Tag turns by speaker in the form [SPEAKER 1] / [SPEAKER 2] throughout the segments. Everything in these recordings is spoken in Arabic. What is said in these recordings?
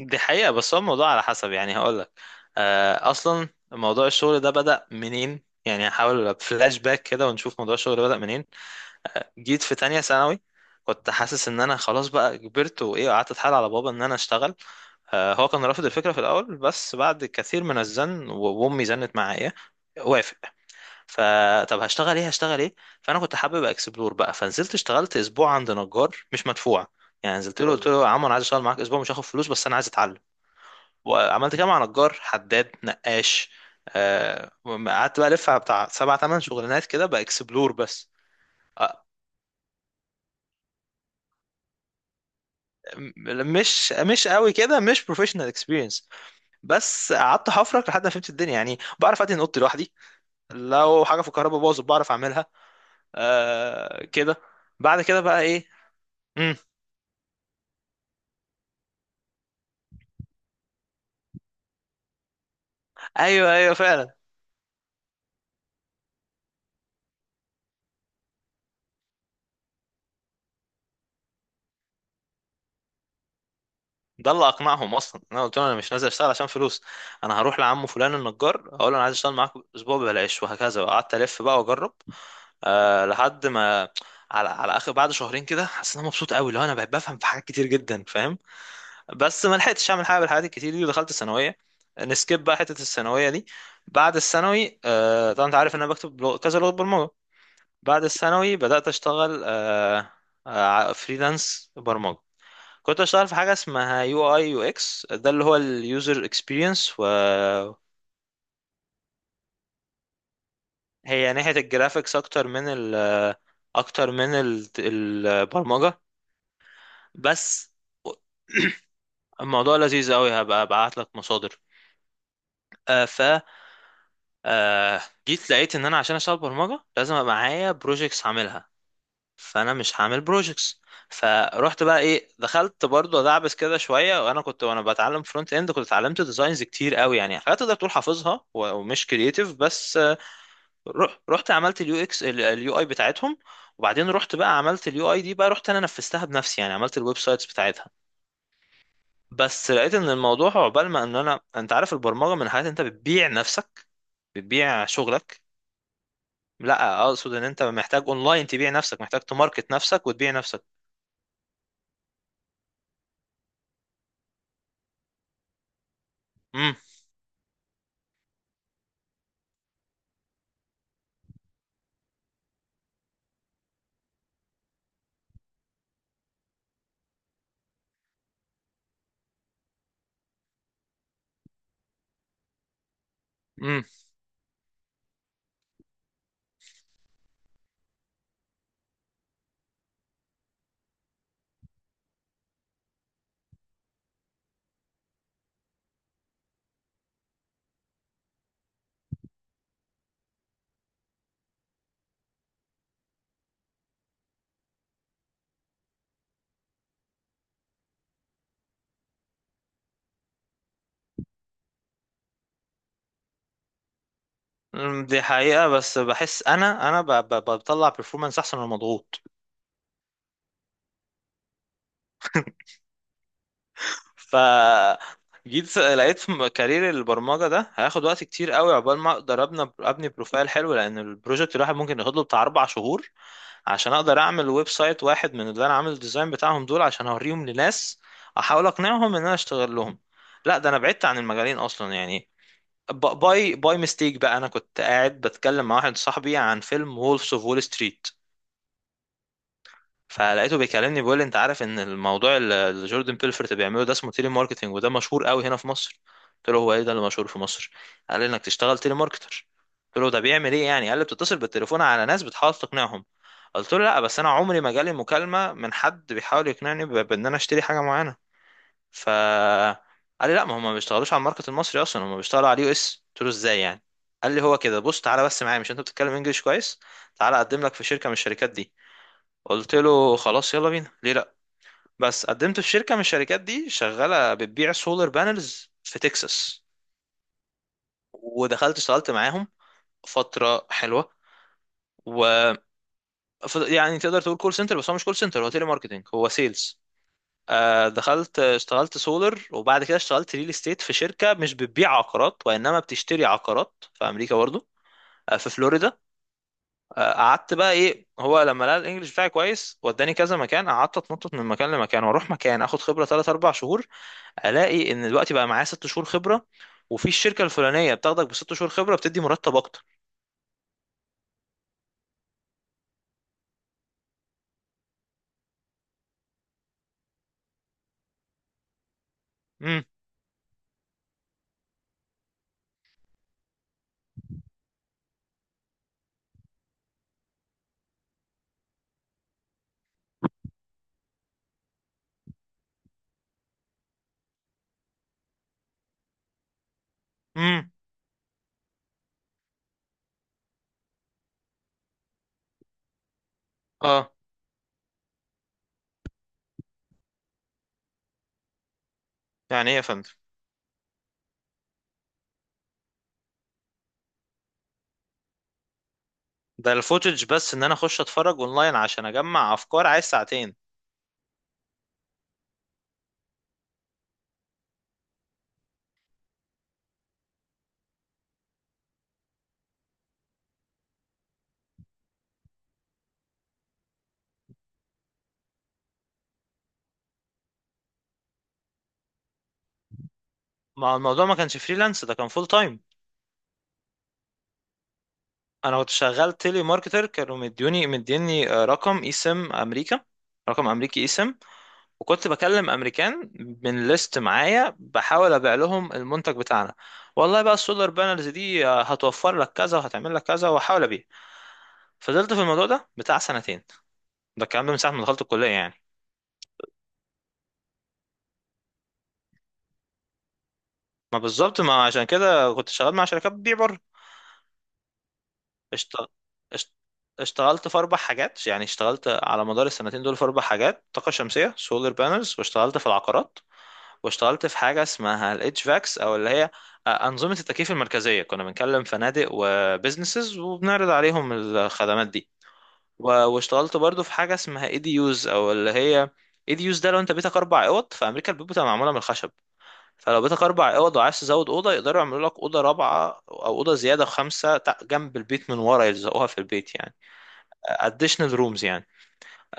[SPEAKER 1] دي حقيقة بس هو الموضوع على حسب، يعني هقول لك. أصلا موضوع الشغل ده بدأ منين؟ يعني هحاول فلاش باك كده ونشوف موضوع الشغل بدأ منين. جيت في تانية ثانوي. كنت حاسس إن أنا خلاص بقى كبرت وإيه، قعدت أتحايل على بابا إن أنا أشتغل. هو كان رافض الفكرة في الأول، بس بعد كثير من الزن وأمي زنت معايا، وافق. فطب هشتغل ايه، هشتغل ايه؟ فانا كنت حابب اكسبلور بقى، فنزلت اشتغلت اسبوع عند نجار مش مدفوع. يعني نزلت له قلت له يا عم انا عايز اشتغل معاك اسبوع، مش هاخد فلوس بس انا عايز اتعلم. وعملت كده مع نجار حداد نقاش. آه، قعدت بقى الف على بتاع سبع تمن شغلانات كده، باكسبلور بس. آه، م- مش قوي كده، مش بروفيشنال اكسبيرينس. بس قعدت حفرك لحد ما فهمت الدنيا، يعني بعرف ادهن اوضتي لوحدي، لو حاجه في الكهرباء باظت بعرف اعملها. آه كده. بعد كده بقى ايه؟ مم. ايوه ايوه فعلا. ده اللي اقنعهم اصلا، انا قلت لهم انا مش نازل اشتغل عشان فلوس، انا هروح لعمه فلان النجار اقول له انا عايز اشتغل معاك اسبوع ببلاش، وهكذا قعدت الف بقى واجرب. لحد ما، على اخر، بعد شهرين كده حسيت ان انا مبسوط قوي لو انا بقيت بفهم في حاجات كتير جدا، فاهم. بس ما لحقتش اعمل حاجه بالحاجات الكتير دي، ودخلت الثانويه. نسكيب بقى حته الثانويه دي. بعد الثانوي طبعا انت عارف ان انا بكتب كذا لغه برمجه. بعد الثانوي بدات اشتغل أه أه فريلانس برمجه. كنت اشتغل في حاجه اسمها يو اي يو اكس، ده اللي هو اليوزر اكسبيرينس، وهي ناحيه الجرافيكس اكتر من البرمجه بس. الموضوع لذيذ قوي، هبقى ابعت لك مصادر. آه ف آه جيت لقيت ان انا عشان اشتغل برمجه لازم ابقى معايا بروجيكتس هعملها، فانا مش هعمل بروجيكتس. فروحت بقى ايه، دخلت برضو ادعبس كده شويه، وانا كنت وانا بتعلم فرونت اند. كنت اتعلمت ديزاينز كتير قوي، يعني حاجات تقدر تقول حافظها ومش كرييتيف بس رحت عملت اليو اكس اليو اي بتاعتهم، وبعدين رحت بقى عملت اليو اي دي بقى، رحت انا نفذتها بنفسي، يعني عملت الويب سايتس بتاعتها. بس لقيت ان الموضوع، عقبال ما، ان انا انت عارف البرمجه من حاجات انت بتبيع نفسك، بتبيع شغلك. لا، اقصد ان انت محتاج اونلاين تبيع نفسك، محتاج تماركت نفسك وتبيع نفسك. امم. امم. دي حقيقه، بس بحس انا بطلع بيرفورمانس احسن من مضغوط. ف جيت لقيت في كارير البرمجه ده هياخد وقت كتير قوي عقبال ما اقدر ابني بروفايل حلو، لان البروجكت الواحد ممكن ياخد له بتاع 4 شهور عشان اقدر اعمل ويب سايت واحد من اللي انا عامل الديزاين بتاعهم دول، عشان اوريهم لناس احاول اقنعهم ان انا اشتغل لهم. لا، ده انا بعدت عن المجالين اصلا يعني. باي ميستيك بقى، انا كنت قاعد بتكلم مع واحد صاحبي عن فيلم وولفز اوف وول ستريت، فلقيته بيكلمني بيقول لي انت عارف ان الموضوع اللي جوردن بيلفورت بيعمله ده اسمه تيلي ماركتنج، وده مشهور قوي هنا في مصر. قلت له هو ايه ده اللي مشهور في مصر؟ قال لي انك تشتغل تيلي ماركتر. قلت له ده بيعمل ايه يعني؟ قال لي بتتصل بالتليفون على ناس بتحاول تقنعهم. قلت له لا، بس انا عمري ما جالي مكالمة من حد بيحاول يقنعني بان انا اشتري حاجة معينة. ف قال لي لا، ما هم ما بيشتغلوش على الماركت المصري اصلا، هم بيشتغلوا على اليو اس. قلت له ازاي يعني؟ قال لي هو كده، بص تعالى بس معايا، مش انت بتتكلم انجليش كويس، تعالى اقدم لك في شركة من الشركات دي. قلت له خلاص يلا بينا، ليه لا. بس قدمت في شركه من الشركات دي، شغاله بتبيع سولار بانلز في تكساس، ودخلت اشتغلت معاهم فتره حلوه و يعني تقدر تقول كول سنتر، بس هو مش كول سنتر، هو تيلي ماركتنج، هو سيلز. دخلت اشتغلت سولر، وبعد كده اشتغلت ريل استيت في شركه مش بتبيع عقارات وانما بتشتري عقارات في امريكا برضه، في فلوريدا. قعدت بقى ايه، هو لما لقى الانجليش بتاعي كويس وداني كذا مكان، قعدت اتنطط من مكان لمكان، واروح مكان اخد خبره 3 4 شهور، الاقي ان دلوقتي بقى معايا 6 شهور خبره، وفي الشركه الفلانيه بتاخدك بست شهور خبره بتدي مرتب اكتر. امم. امم. اه. يعني ايه يا فندم؟ ده الفوتج بس، ان انا اخش اتفرج اونلاين عشان اجمع افكار، عايز ساعتين. ما هو الموضوع ما كانش فريلانس، ده كان فول تايم. انا كنت شغال تيلي ماركتر، كانوا مديني رقم اي سم امريكا، رقم امريكي اي سم، وكنت بكلم امريكان من ليست معايا بحاول ابيع لهم المنتج بتاعنا. والله بقى السولار بانلز دي هتوفر لك كذا وهتعمل لك كذا، واحاول ابيع. فضلت في الموضوع ده بتاع سنتين، ده الكلام ده من ساعة ما دخلت الكلية يعني. ما بالظبط، ما عشان كده كنت شغال مع شركات بتبيع بره. اشت... اشت... اشتغلت في 4 حاجات، يعني اشتغلت على مدار السنتين دول في 4 حاجات: طاقة شمسية سولار بانلز، واشتغلت في العقارات، واشتغلت في حاجة اسمها الاتش فاكس أو اللي هي أنظمة التكييف المركزية، كنا بنكلم فنادق وبزنسز وبنعرض عليهم الخدمات دي. واشتغلت برضو في حاجة اسمها اي دي يوز أو اللي هي اي دي يوز، ده لو انت بيتك 4 أوض في أمريكا، البيوت بتبقى معمولة من الخشب. فلو بيتك 4 اوض وعايز تزود اوضه، يقدروا يعملوا لك اوضه رابعه او اوضه زياده خمسه، جنب البيت من ورا يلزقوها في البيت يعني، additional rooms يعني.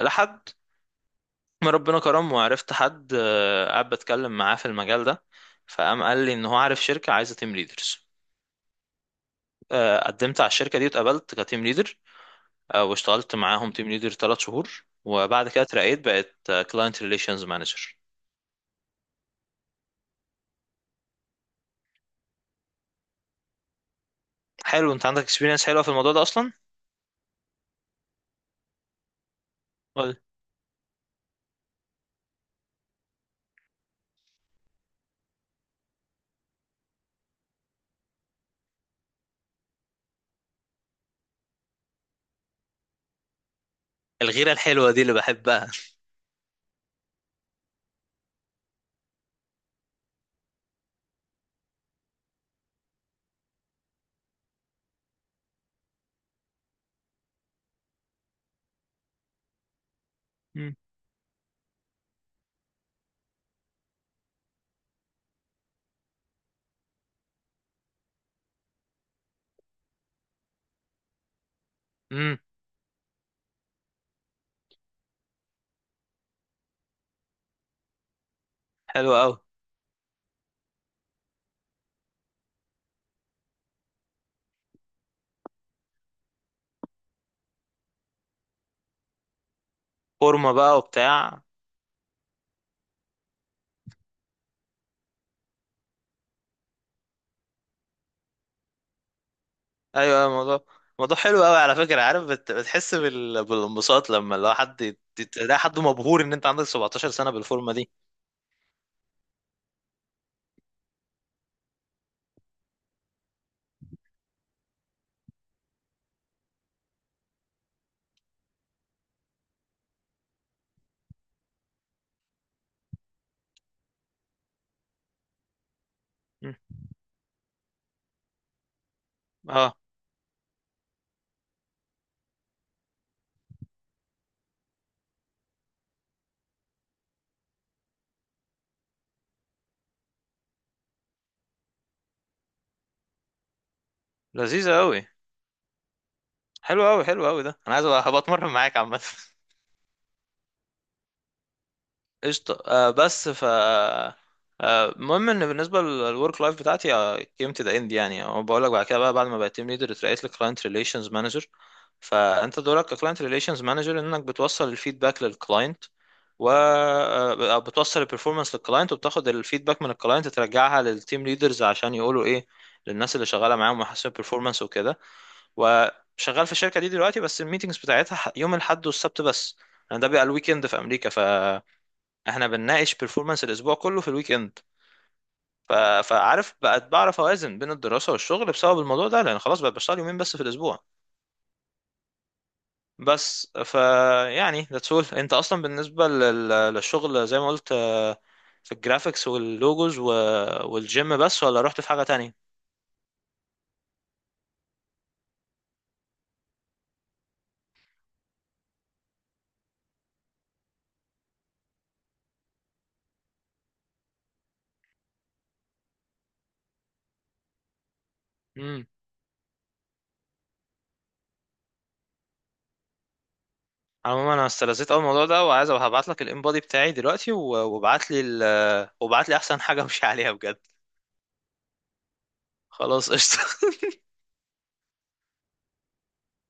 [SPEAKER 1] لحد ما ربنا كرم، وعرفت حد قاعد بتكلم معاه في المجال ده، فقام قال لي ان هو عارف شركه عايزه تيم ليدرز. قدمت على الشركه دي واتقبلت كتيم ليدر، واشتغلت معاهم تيم ليدر 3 شهور، وبعد كده اترقيت بقت كلاينت ريليشنز مانجر. حلو انت عندك اكسبيرينس حلوه في الموضوع ده اصلا. ولا؟ الغيره الحلوه دي اللي بحبها. امم. حلو قوي. فورمه بقى وبتاع. ايوه، أيوة، الموضوع حلو قوي على فكره، عارف بتحس بالانبساط لما، لو حد تلاقي حد مبهور ان انت عندك 17 سنه بالفورمه دي. مم. اه. لذيذه قوي. حلو قوي، حلو قوي، ده انا عايز هبقى اتمرن معاك عامه. قشطه. بس ف آه، المهم ان بالنسبه للورك لايف بتاعتي came to the end، يعني أو بقول لك، بعد كده بقى بعد ما بقيت تيم ليدر اترقيت لكلاينت ريليشنز مانجر. فانت دورك كلاينت ريليشنز مانجر، انك بتوصل الفيدباك للكلاينت، وبتوصل البرفورمانس للكلاينت، وبتاخد الفيدباك من الكلاينت ترجعها للتيم ليدرز، عشان يقولوا ايه للناس اللي شغاله معاهم ويحسنوا البرفورمانس وكده. وشغال في الشركه دي دلوقتي، بس الميتنجز بتاعتها يوم الاحد والسبت بس، لان ده بيبقى الويكند في امريكا، فاحنا بنناقش برفورمانس الاسبوع كله في الويكند. ف... فعارف بقت بعرف اوازن بين الدراسه والشغل بسبب الموضوع ده، لان خلاص بقى بشتغل يومين بس في الاسبوع. بس يعني that's all. انت اصلا بالنسبة للشغل زي ما قلت في الجرافيكس واللوجوز والجيم بس، ولا رحت في حاجة تانية؟ امم. عموما انا استلذيت اول الموضوع ده، وعايز هبعت لك الانبادي بتاعي دلوقتي وابعت لي، وابعت لي احسن حاجة امشي عليها بجد. خلاص قشطة.